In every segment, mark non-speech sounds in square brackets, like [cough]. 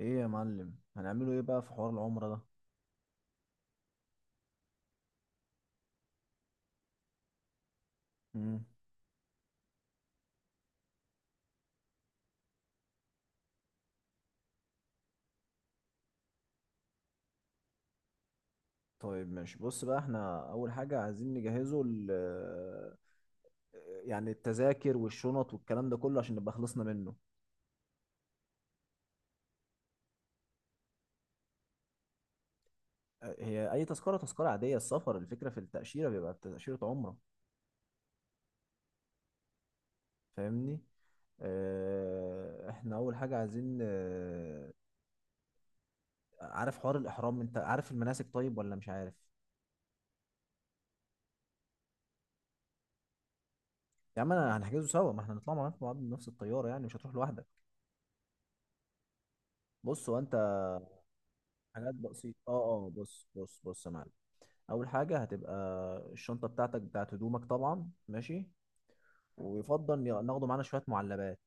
ايه يا معلم هنعمله ايه بقى في حوار العمرة ده. مم. طيب ماشي، بص بقى احنا اول حاجة عايزين نجهزه يعني التذاكر والشنط والكلام ده كله عشان نبقى خلصنا منه. أه، هي اي تذكرة تذكرة عادية السفر، الفكرة في التأشيرة بيبقى تأشيرة عمرة، فاهمني. اه، احنا اول حاجة عايزين عارف حوار الاحرام؟ انت عارف المناسك طيب ولا مش عارف؟ يا عم انا هنحجزه سوا، ما احنا هنطلع مع بعض بنفس الطيارة، يعني مش هتروح لوحدك. بص هو انت حاجات بسيطة اه. اه بص بص بص يا معلم، أول حاجة هتبقى الشنطة بتاعتك بتاعت هدومك طبعا، ماشي. ويفضل ناخده معانا شوية معلبات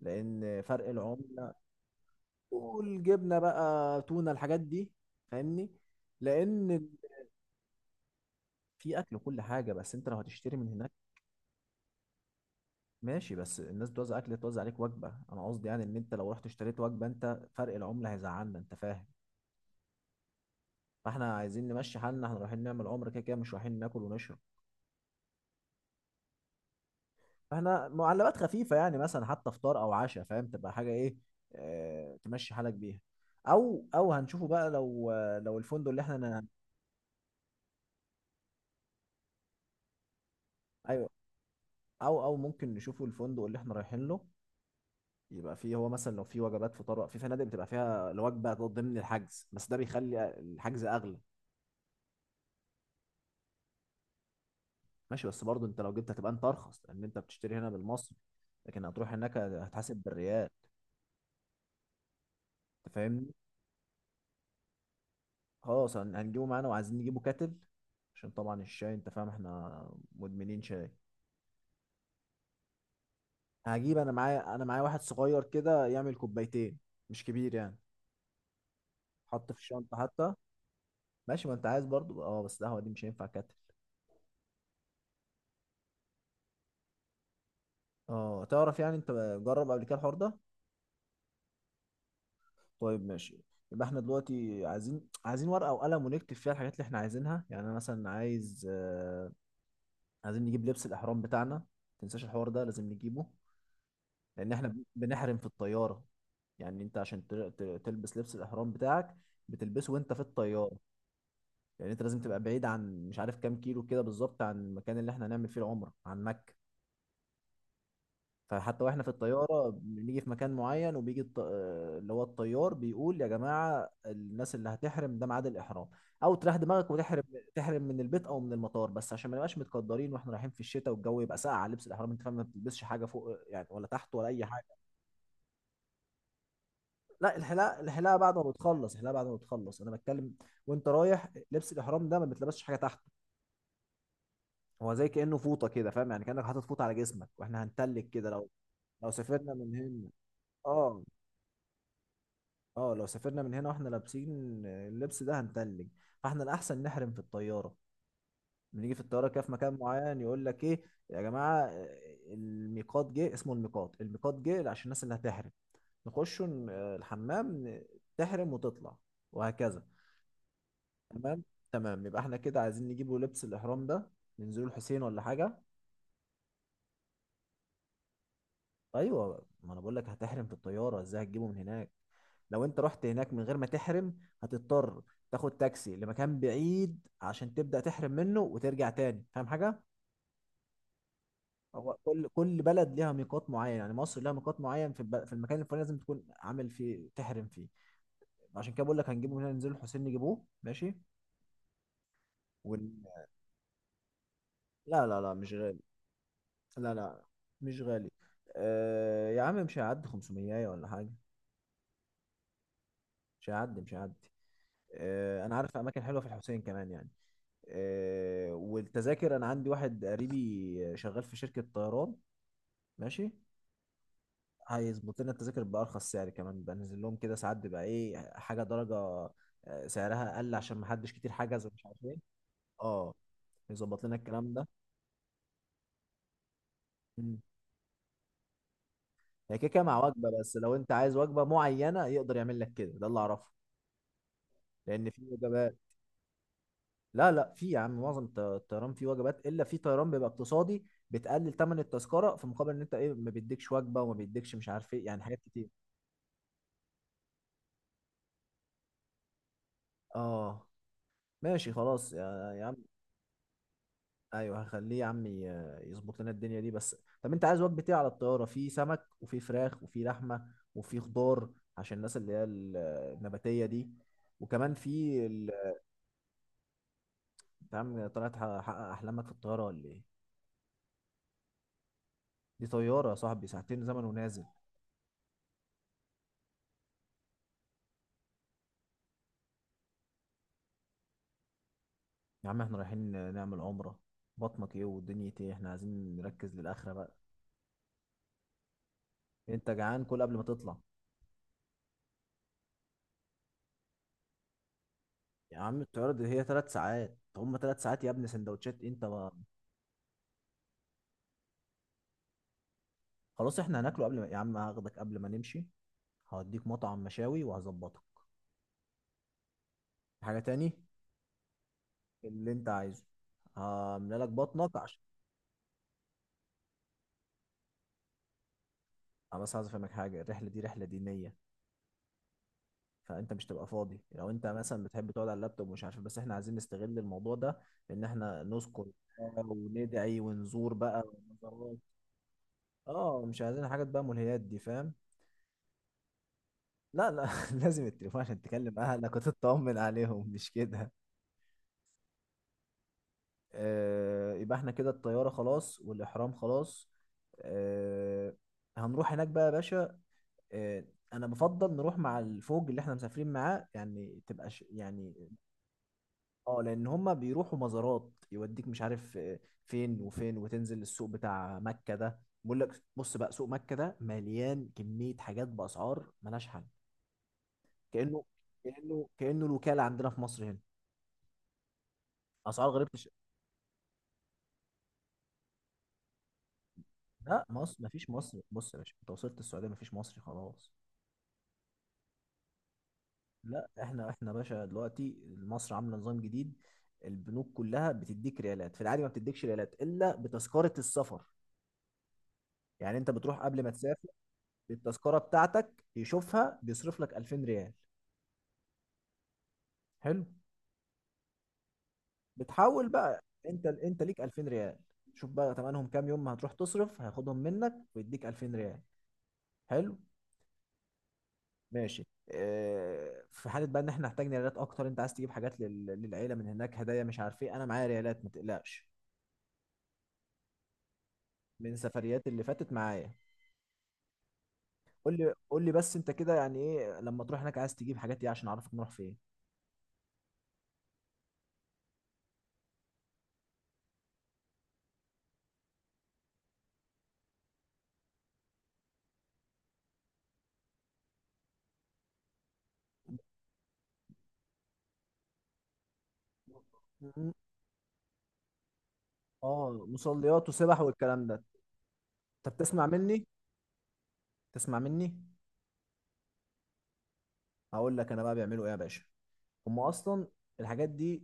لأن فرق العملة، والجبنة بقى تونة الحاجات دي، فاهمني. لأن في أكل وكل حاجة، بس أنت لو هتشتري من هناك. ماشي، بس الناس بتوزع أكل، توزع عليك وجبة، أنا قصدي يعني إن أنت لو رحت اشتريت وجبة أنت فرق العملة هيزعلنا، أنت فاهم. فاحنا عايزين نمشي حالنا، احنا رايحين نعمل عمرة، كده كده مش رايحين ناكل ونشرب. احنا معلبات خفيفه، يعني مثلا حتى فطار او عشاء، فاهم؟ تبقى حاجه ايه، اه تمشي حالك بيها. او او هنشوفه بقى، لو لو الفندق اللي احنا، ايوه او او ممكن نشوفه الفندق اللي احنا رايحين له، يبقى فيه هو مثلا لو في وجبات فطار في فنادق بتبقى فيها الوجبه ضمن الحجز، بس ده بيخلي الحجز اغلى. ماشي، بس برضه انت لو جبت هتبقى انت ارخص، لان انت بتشتري هنا بالمصري، لكن هتروح هناك هتحاسب بالريال. أنت فاهمني. خلاص هنجيبه معانا، وعايزين نجيبه كاتل عشان طبعا الشاي، انت فاهم احنا مدمنين شاي. هجيب انا معايا، انا معايا واحد صغير كده يعمل كوبايتين، مش كبير يعني. حط في الشنطة حتى، ماشي ما انت عايز برضو، اه بس القهوة دي مش هينفع كاتل. اه تعرف يعني انت، جرب قبل كده الحوار ده. طيب ماشي، يبقى احنا دلوقتي عايزين ورقة وقلم ونكتب فيها الحاجات اللي احنا عايزينها، يعني انا مثلا عايز آه، عايزين نجيب لبس الاحرام بتاعنا، متنساش الحوار ده لازم نجيبه، لان احنا بنحرم في الطياره، يعني انت عشان تلبس لبس الاحرام بتاعك بتلبسه وانت في الطياره. يعني انت لازم تبقى بعيد عن مش عارف كام كيلو كده بالظبط عن المكان اللي احنا هنعمل فيه العمره، عن مكه. فحتى واحنا في الطياره بنيجي في مكان معين وبيجي آه، اللي هو الطيار بيقول يا جماعه الناس اللي هتحرم ده ميعاد الاحرام. او تريح دماغك وتحرم، تحرم من البيت او من المطار، بس عشان ما نبقاش متقدرين واحنا رايحين في الشتاء والجو يبقى ساقع على لبس الاحرام، انت فاهم، ما بتلبسش حاجه فوق يعني ولا تحت ولا اي حاجه. لا الحلاقه الحلاقه بعد ما بتخلص، الحلاقه بعد ما بتخلص، انا بتكلم وانت رايح، لبس الاحرام ده ما بتلبسش حاجه تحته، هو زي كانه فوطه كده، فاهم يعني كانك حاطط فوطه على جسمك، واحنا هنتلج كده لو، لو سافرنا من هنا. اه اه لو سافرنا من هنا واحنا لابسين اللبس ده هنتلج، فاحنا الاحسن نحرم في الطياره، بنيجي في الطياره كده في مكان معين يقول لك ايه، يا جماعه الميقات جه، اسمه الميقات، الميقات جه عشان الناس اللي هتحرم نخش الحمام، تحرم وتطلع، وهكذا. تمام، تمام يبقى احنا كده عايزين نجيبه لبس الاحرام ده، ننزله الحسين ولا حاجه. ايوه ما انا بقول لك هتحرم في الطياره، ازاي هتجيبه من هناك؟ لو انت رحت هناك من غير ما تحرم، هتضطر تاخد تاكسي لمكان بعيد عشان تبدا تحرم منه وترجع تاني، فاهم حاجه. هو كل كل بلد ليها ميقات معين، يعني مصر ليها ميقات معين في في المكان الفلاني، لازم تكون عامل فيه، تحرم فيه. عشان كده بقول لك هنجيبه من هنا ننزله الحسين نجيبوه، ماشي. ون... لا لا لا مش غالي. لا لا، مش غالي، آه يا عم مش هيعدي 500 ولا حاجة، مش هيعدي مش هيعدي. آه انا عارف اماكن حلوة في الحسين كمان يعني. آه والتذاكر، انا عندي واحد قريبي شغال في شركة طيران، ماشي، هيظبط لنا التذاكر بأرخص سعر، كمان بنزل لهم كده ساعات بيبقى ايه، حاجة درجة آه، سعرها اقل عشان محدش كتير حجز ومش عارف ايه. اه، يظبط لنا الكلام ده. مم. هي كده كده مع وجبة، بس لو انت عايز وجبة معينة يقدر يعمل لك كده، ده اللي اعرفه، لان في وجبات. لا لا في يا عم، معظم الطيران فيه وجبات، الا في طيران بيبقى اقتصادي بتقلل ثمن التذكره في مقابل ان انت ايه، ما بيديكش وجبه وما بيديكش مش عارف ايه، يعني حاجات كتير. اه، ماشي خلاص يا عم. ايوه، هخليه يا عم يظبط لنا الدنيا دي بس. طب انت عايز وجبه ايه على الطياره، في سمك وفي فراخ وفي لحمه وفي خضار، عشان الناس اللي هي النباتيه دي، وكمان في انت يا عم طلعت حقق احلامك في الطياره ولا ايه؟ دي طياره يا صاحبي، ساعتين زمن ونازل. يا عم احنا رايحين نعمل عمرة، بطنك ايه ودنيتي ايه، احنا عايزين نركز للآخرة بقى. انت جعان كل قبل ما تطلع. يا عم الطيارة دي هي ثلاث ساعات، طب هما ثلاث ساعات يا ابني سندوتشات انت بقى. خلاص احنا هناكله قبل ما، يا عم هاخدك قبل ما نمشي هوديك مطعم مشاوي وهظبطك. حاجة تاني اللي انت عايزه هعمل لك بطنك عشان، انا بس عايز افهمك حاجة، الرحلة دي رحلة دينية، فانت مش تبقى فاضي لو انت مثلا بتحب تقعد على اللابتوب ومش عارف إيه، بس احنا عايزين نستغل الموضوع ده ان احنا نسكن بقى وندعي ونزور بقى ونزورات. اه مش عايزين حاجات بقى ملهيات دي، فاهم. لا لا [laughs] لازم التليفون عشان تكلم اهلك وتطمن عليهم، مش كده. آه يبقى احنا كده الطيارة خلاص والإحرام خلاص، آه هنروح هناك بقى يا باشا. آه، انا بفضل نروح مع الفوج اللي احنا مسافرين معاه، يعني تبقى يعني، اه لان هم بيروحوا مزارات يوديك مش عارف آه، فين وفين، وتنزل السوق بتاع مكة ده، بيقول لك بص بقى سوق مكة ده مليان كمية حاجات بأسعار ملهاش حل، كأنه كأنه الوكالة عندنا في مصر هنا. أسعار غريبة لا مصر مفيش مصر، بص يا باشا انت وصلت السعودية مفيش مصري خلاص. لا احنا باشا دلوقتي مصر عاملة نظام جديد، البنوك كلها بتديك ريالات في العادي، ما بتديكش ريالات الا بتذكرة السفر. يعني انت بتروح قبل ما تسافر التذكره بتاعتك يشوفها بيصرف لك 2000 ريال. حلو، بتحول بقى، انت ليك 2000 ريال، شوف بقى تمنهم كام يوم ما هتروح تصرف هياخدهم منك ويديك 2000 ريال. حلو ماشي. اه في حاله بقى ان احنا محتاجين ريالات اكتر، انت عايز تجيب حاجات للعيله من هناك هدايا مش عارف ايه، انا معايا ريالات ما تقلقش، من سفريات اللي فاتت معايا. قول لي بس انت كده يعني ايه لما تروح هناك عايز تجيب حاجات ايه عشان اعرفك نروح فين. م- اه مصليات وسبح والكلام ده، انت بتسمع مني، تسمع مني، هقول لك انا بقى بيعملوا ايه يا باشا، هم اصلا الحاجات دي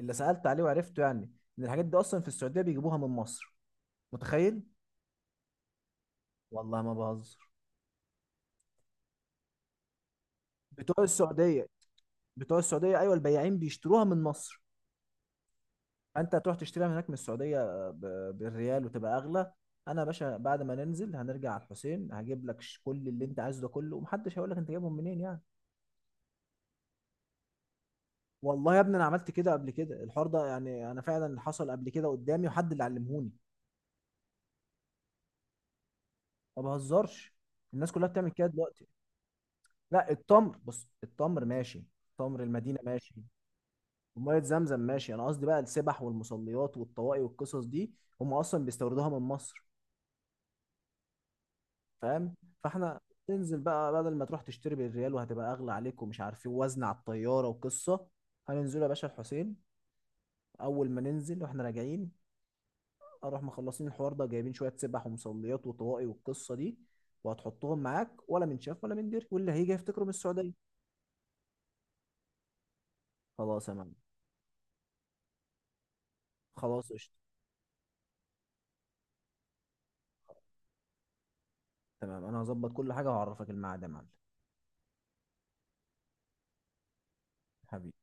اللي سالت عليه وعرفته يعني، ان الحاجات دي اصلا في السعوديه بيجيبوها من مصر، متخيل. والله ما بهزر. بتوع السعوديه، بتوع السعوديه ايوه، البياعين بيشتروها من مصر. انت هتروح تشتريها من هناك من السعوديه بالريال وتبقى اغلى. انا يا باشا بعد ما ننزل هنرجع على الحسين هجيب لك كل اللي انت عايزه ده كله، ومحدش هيقول لك انت جايبهم منين يعني. والله يا ابني انا عملت كده قبل كده الحوار ده، يعني انا فعلا حصل قبل كده قدامي وحد اللي علمهوني. ما بهزرش، الناس كلها بتعمل كده دلوقتي. لا التمر بص التمر ماشي، تمر المدينة ماشي، ومية زمزم ماشي، انا قصدي بقى السبح والمصليات والطواقي والقصص دي، هم اصلا بيستوردوها من مصر، فاهم. فاحنا تنزل بقى بدل ما تروح تشتري بالريال وهتبقى اغلى عليك ومش عارف ايه وزن على الطيارة وقصة، هننزله يا باشا الحسين اول ما ننزل واحنا راجعين، اروح مخلصين الحوار ده جايبين شوية سبح ومصليات وطواقي والقصة دي، وهتحطهم معاك ولا من شاف ولا من دري، واللي هيجي يفتكره من السعودية. خلاص يا معلم، خلاص قشطة. تمام انا هظبط كل حاجة وهعرفك الميعاد يا معلم. حبيبي.